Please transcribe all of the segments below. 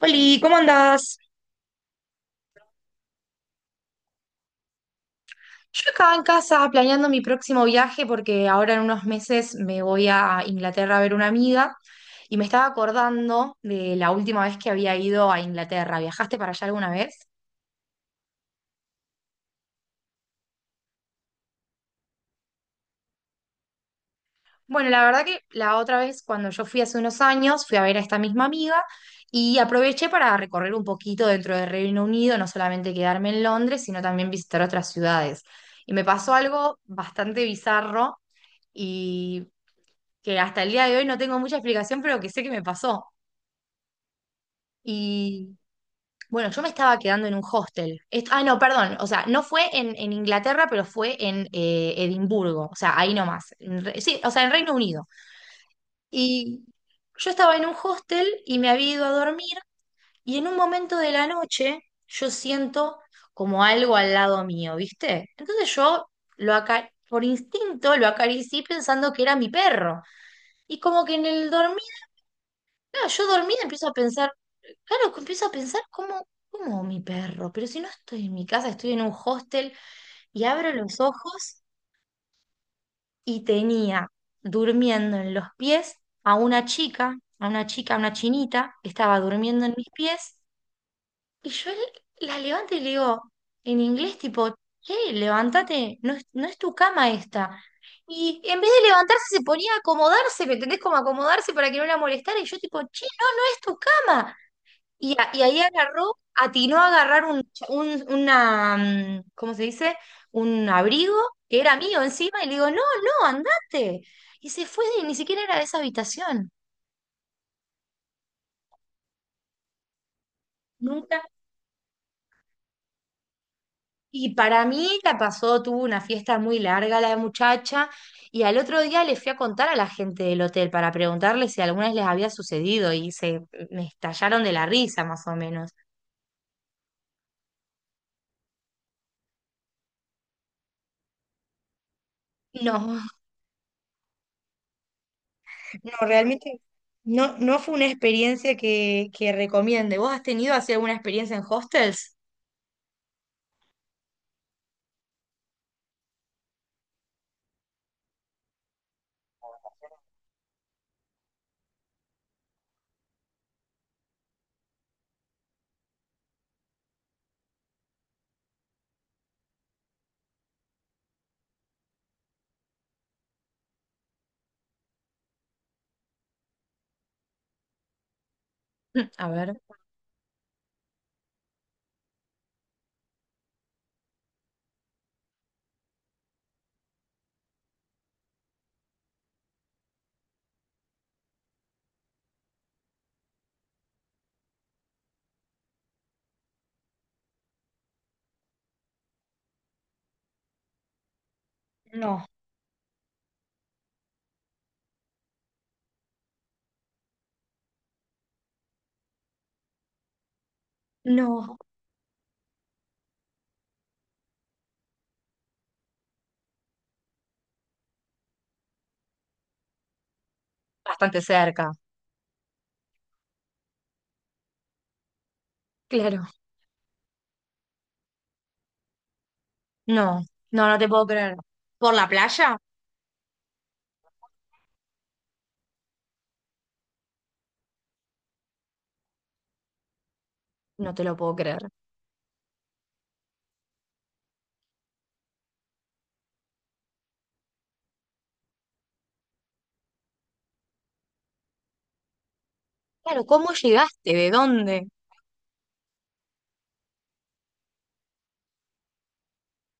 Oli, ¿cómo andás? Yo acá en casa planeando mi próximo viaje porque ahora en unos meses me voy a Inglaterra a ver una amiga y me estaba acordando de la última vez que había ido a Inglaterra. ¿Viajaste para allá alguna vez? Bueno, la verdad que la otra vez cuando yo fui hace unos años fui a ver a esta misma amiga y aproveché para recorrer un poquito dentro del Reino Unido, no solamente quedarme en Londres, sino también visitar otras ciudades. Y me pasó algo bastante bizarro. Y que hasta el día de hoy no tengo mucha explicación, pero que sé que me pasó. Y bueno, yo me estaba quedando en un hostel. Ah, no, perdón, o sea, no fue en, Inglaterra, pero fue en Edimburgo, o sea, ahí nomás. Sí, o sea, en Reino Unido. Y yo estaba en un hostel y me había ido a dormir y en un momento de la noche yo siento como algo al lado mío, ¿viste? Entonces yo por instinto lo acaricié pensando que era mi perro. Y como que en el dormir, claro, yo dormida empiezo a pensar. Claro, que empiezo a pensar cómo mi perro, pero si no estoy en mi casa, estoy en un hostel y abro los ojos y tenía durmiendo en los pies a una chica, a una chica, a una chinita, que estaba durmiendo en mis pies y la levanto y le digo en inglés tipo, che, levántate, no es tu cama esta. Y en vez de levantarse se ponía a acomodarse, ¿me entendés? Como acomodarse para que no la molestara y yo tipo, che, no, no es tu cama. Y ahí agarró, atinó a agarrar una, ¿cómo se dice? Un abrigo que era mío encima y le digo, no, no, andate. Y se fue, y ni siquiera era de esa habitación, nunca. Y para mí la pasó, tuvo una fiesta muy larga la muchacha y al otro día le fui a contar a la gente del hotel para preguntarles si alguna vez les había sucedido y se me estallaron de la risa más o menos. No, no, realmente no fue una experiencia que recomiende. ¿Vos has tenido así alguna experiencia en hostels? Mm. A ver. No, no. Bastante cerca. Claro. No, no, no te puedo creer. ¿Por la playa? No te lo puedo creer. Claro, ¿cómo llegaste? ¿De dónde?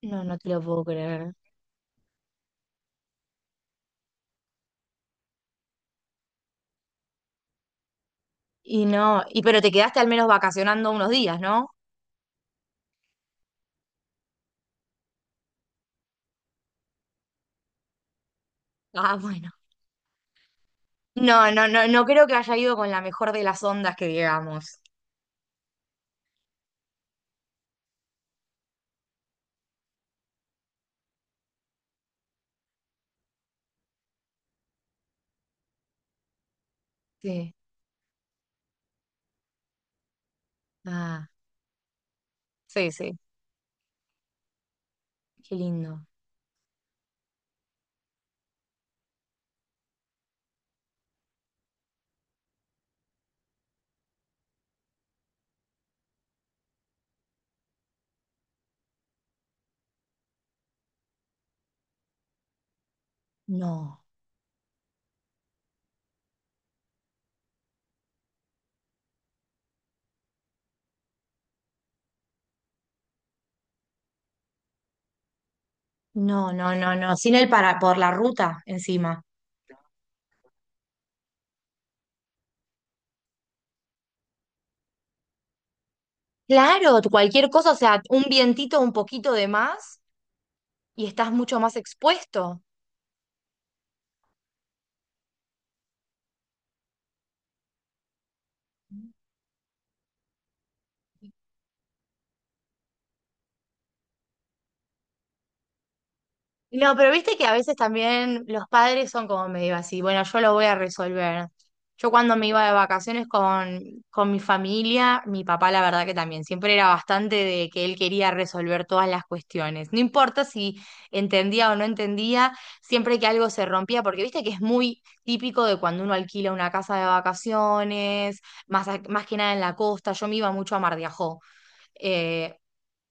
No, no te lo puedo creer. Y no, y pero te quedaste al menos vacacionando unos días, ¿no? Ah, bueno. No, no, no, no creo que haya ido con la mejor de las ondas que digamos. Sí. Ah, sí, sí. Qué lindo. No. No, no, no, no, sin el para, por la ruta encima. Claro, cualquier cosa, o sea, un vientito, un poquito de más y estás mucho más expuesto. No, pero viste que a veces también los padres son como medio así, bueno, yo lo voy a resolver. Yo cuando me iba de vacaciones con mi familia, mi papá la verdad que también siempre era bastante de que él quería resolver todas las cuestiones. No importa si entendía o no entendía, siempre que algo se rompía, porque viste que es muy típico de cuando uno alquila una casa de vacaciones, más que nada en la costa, yo me iba mucho a Mar de Ajó. eh,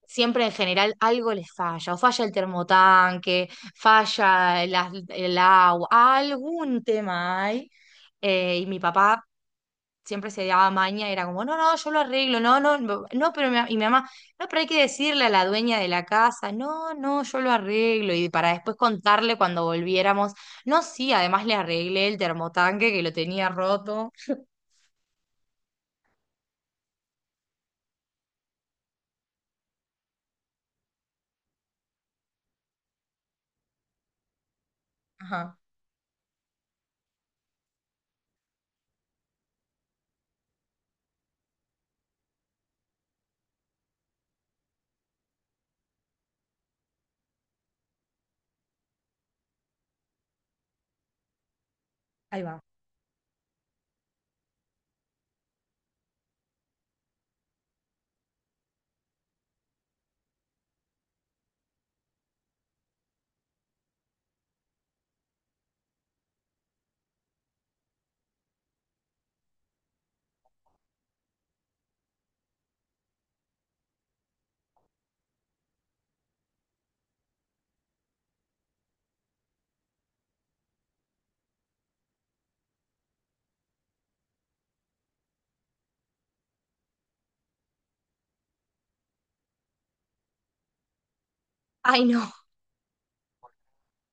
Siempre en general algo les falla, o falla el termotanque, falla el agua, algún tema hay. Y mi papá siempre se daba maña, era como, no, no, yo lo arreglo, no, no, no, no, pero y mi mamá, no, pero hay que decirle a la dueña de la casa, no, no, yo lo arreglo, y para después contarle cuando volviéramos, no, sí, además le arreglé el termotanque que lo tenía roto. Ajá, ahí va. Ay, no,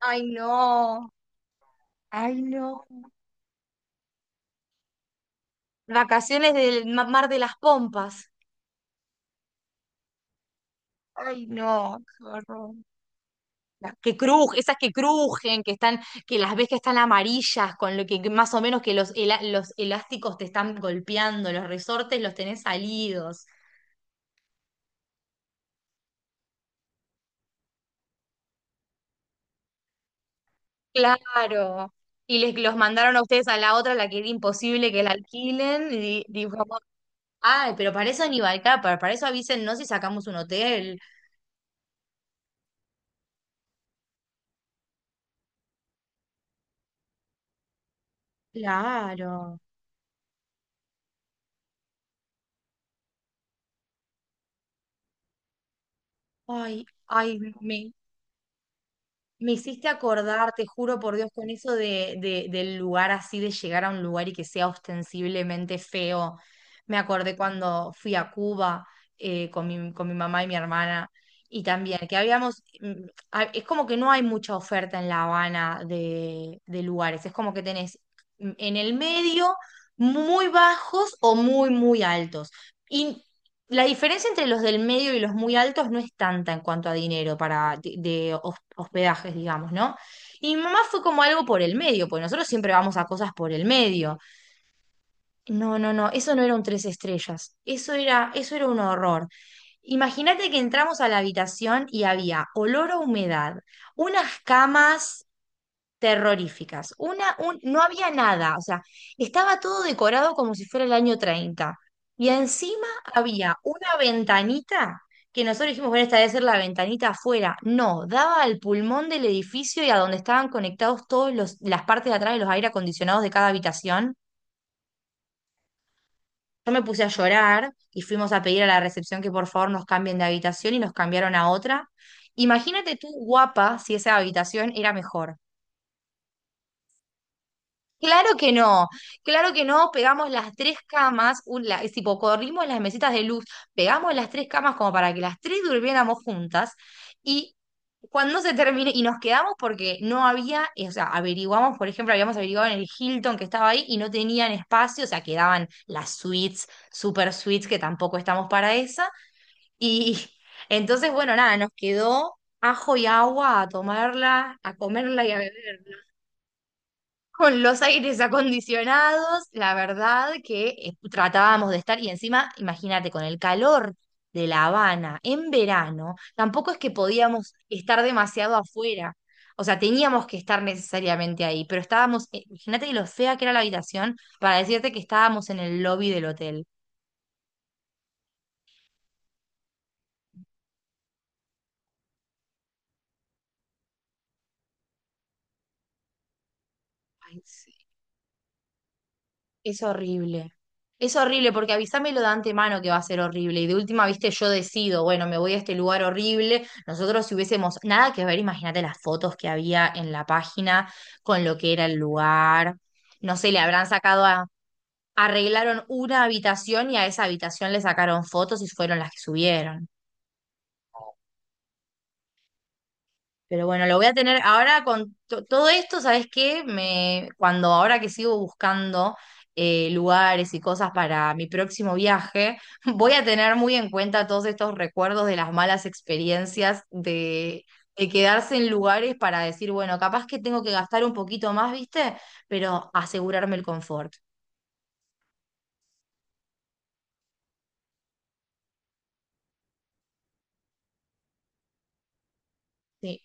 ay, no, ay, no. Vacaciones del Mar de las Pompas. Ay, no, qué horror. Que crujen, esas que crujen, que están, que las ves que están amarillas, con lo que más o menos que los elásticos te están golpeando, los resortes los tenés salidos. Claro. Y les los mandaron a ustedes a la otra, la que era imposible que la alquilen, y dijo, ay, pero para eso ni Balcar, para eso avísennos si sacamos un hotel. Claro. Ay, ay, me hiciste acordar, te juro por Dios, con eso del lugar así, de llegar a un lugar y que sea ostensiblemente feo. Me acordé cuando fui a Cuba con mi, mamá y mi hermana, y también que es como que no hay mucha oferta en La Habana de lugares, es como que tenés en el medio muy bajos o muy, muy altos. La diferencia entre los del medio y los muy altos no es tanta en cuanto a dinero para hospedajes, digamos, ¿no? Y mi mamá fue como algo por el medio, porque nosotros siempre vamos a cosas por el medio. No, no, no, eso no era un tres estrellas, eso era un horror. Imagínate que entramos a la habitación y había olor a humedad, unas camas terroríficas. No había nada, o sea, estaba todo decorado como si fuera el año 30. Y encima había una ventanita que nosotros dijimos, bueno, esta debe ser la ventanita afuera. No, daba al pulmón del edificio y a donde estaban conectados todos las partes de atrás de los aire acondicionados de cada habitación. Yo me puse a llorar y fuimos a pedir a la recepción que por favor nos cambien de habitación y nos cambiaron a otra. Imagínate tú, guapa, si esa habitación era mejor. Claro que no, claro que no, pegamos las tres camas, es tipo, corrimos las mesitas de luz, pegamos las tres camas como para que las tres durmiéramos juntas y cuando se termine, y nos quedamos porque no había, o sea, averiguamos, por ejemplo, habíamos averiguado en el Hilton que estaba ahí y no tenían espacio, o sea, quedaban las suites, super suites, que tampoco estamos para esa, y entonces, bueno, nada, nos quedó ajo y agua a tomarla, a comerla y a beber. Con los aires acondicionados, la verdad que tratábamos de estar, y encima, imagínate, con el calor de La Habana en verano, tampoco es que podíamos estar demasiado afuera. O sea, teníamos que estar necesariamente ahí, pero estábamos, imagínate lo fea que era la habitación para decirte que estábamos en el lobby del hotel. Ay, sí. Es horrible. Es horrible porque avísamelo de antemano que va a ser horrible. Y de última, viste, yo decido, bueno, me voy a este lugar horrible. Nosotros si hubiésemos nada que ver, imagínate las fotos que había en la página con lo que era el lugar. No sé, le habrán sacado a, arreglaron una habitación y a esa habitación le sacaron fotos y fueron las que subieron. Pero bueno, lo voy a tener ahora con todo esto, ¿sabes qué? Cuando ahora que sigo buscando lugares y cosas para mi próximo viaje, voy a tener muy en cuenta todos estos recuerdos de las malas experiencias de quedarse en lugares para decir, bueno, capaz que tengo que gastar un poquito más, ¿viste? Pero asegurarme el confort. Sí,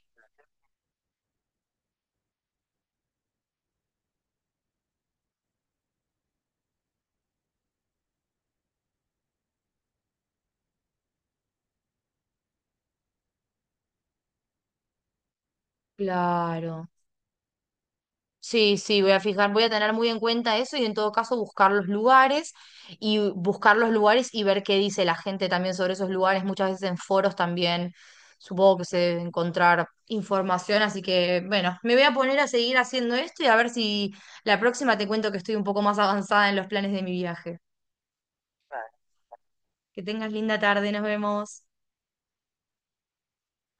claro. Sí, sí, voy a fijar, voy a tener muy en cuenta eso y en todo caso buscar los lugares y ver qué dice la gente también sobre esos lugares. Muchas veces en foros también supongo que se debe encontrar información, así que bueno, me voy a poner a seguir haciendo esto y a ver si la próxima te cuento que estoy un poco más avanzada en los planes de mi viaje. Que tengas linda tarde, nos vemos.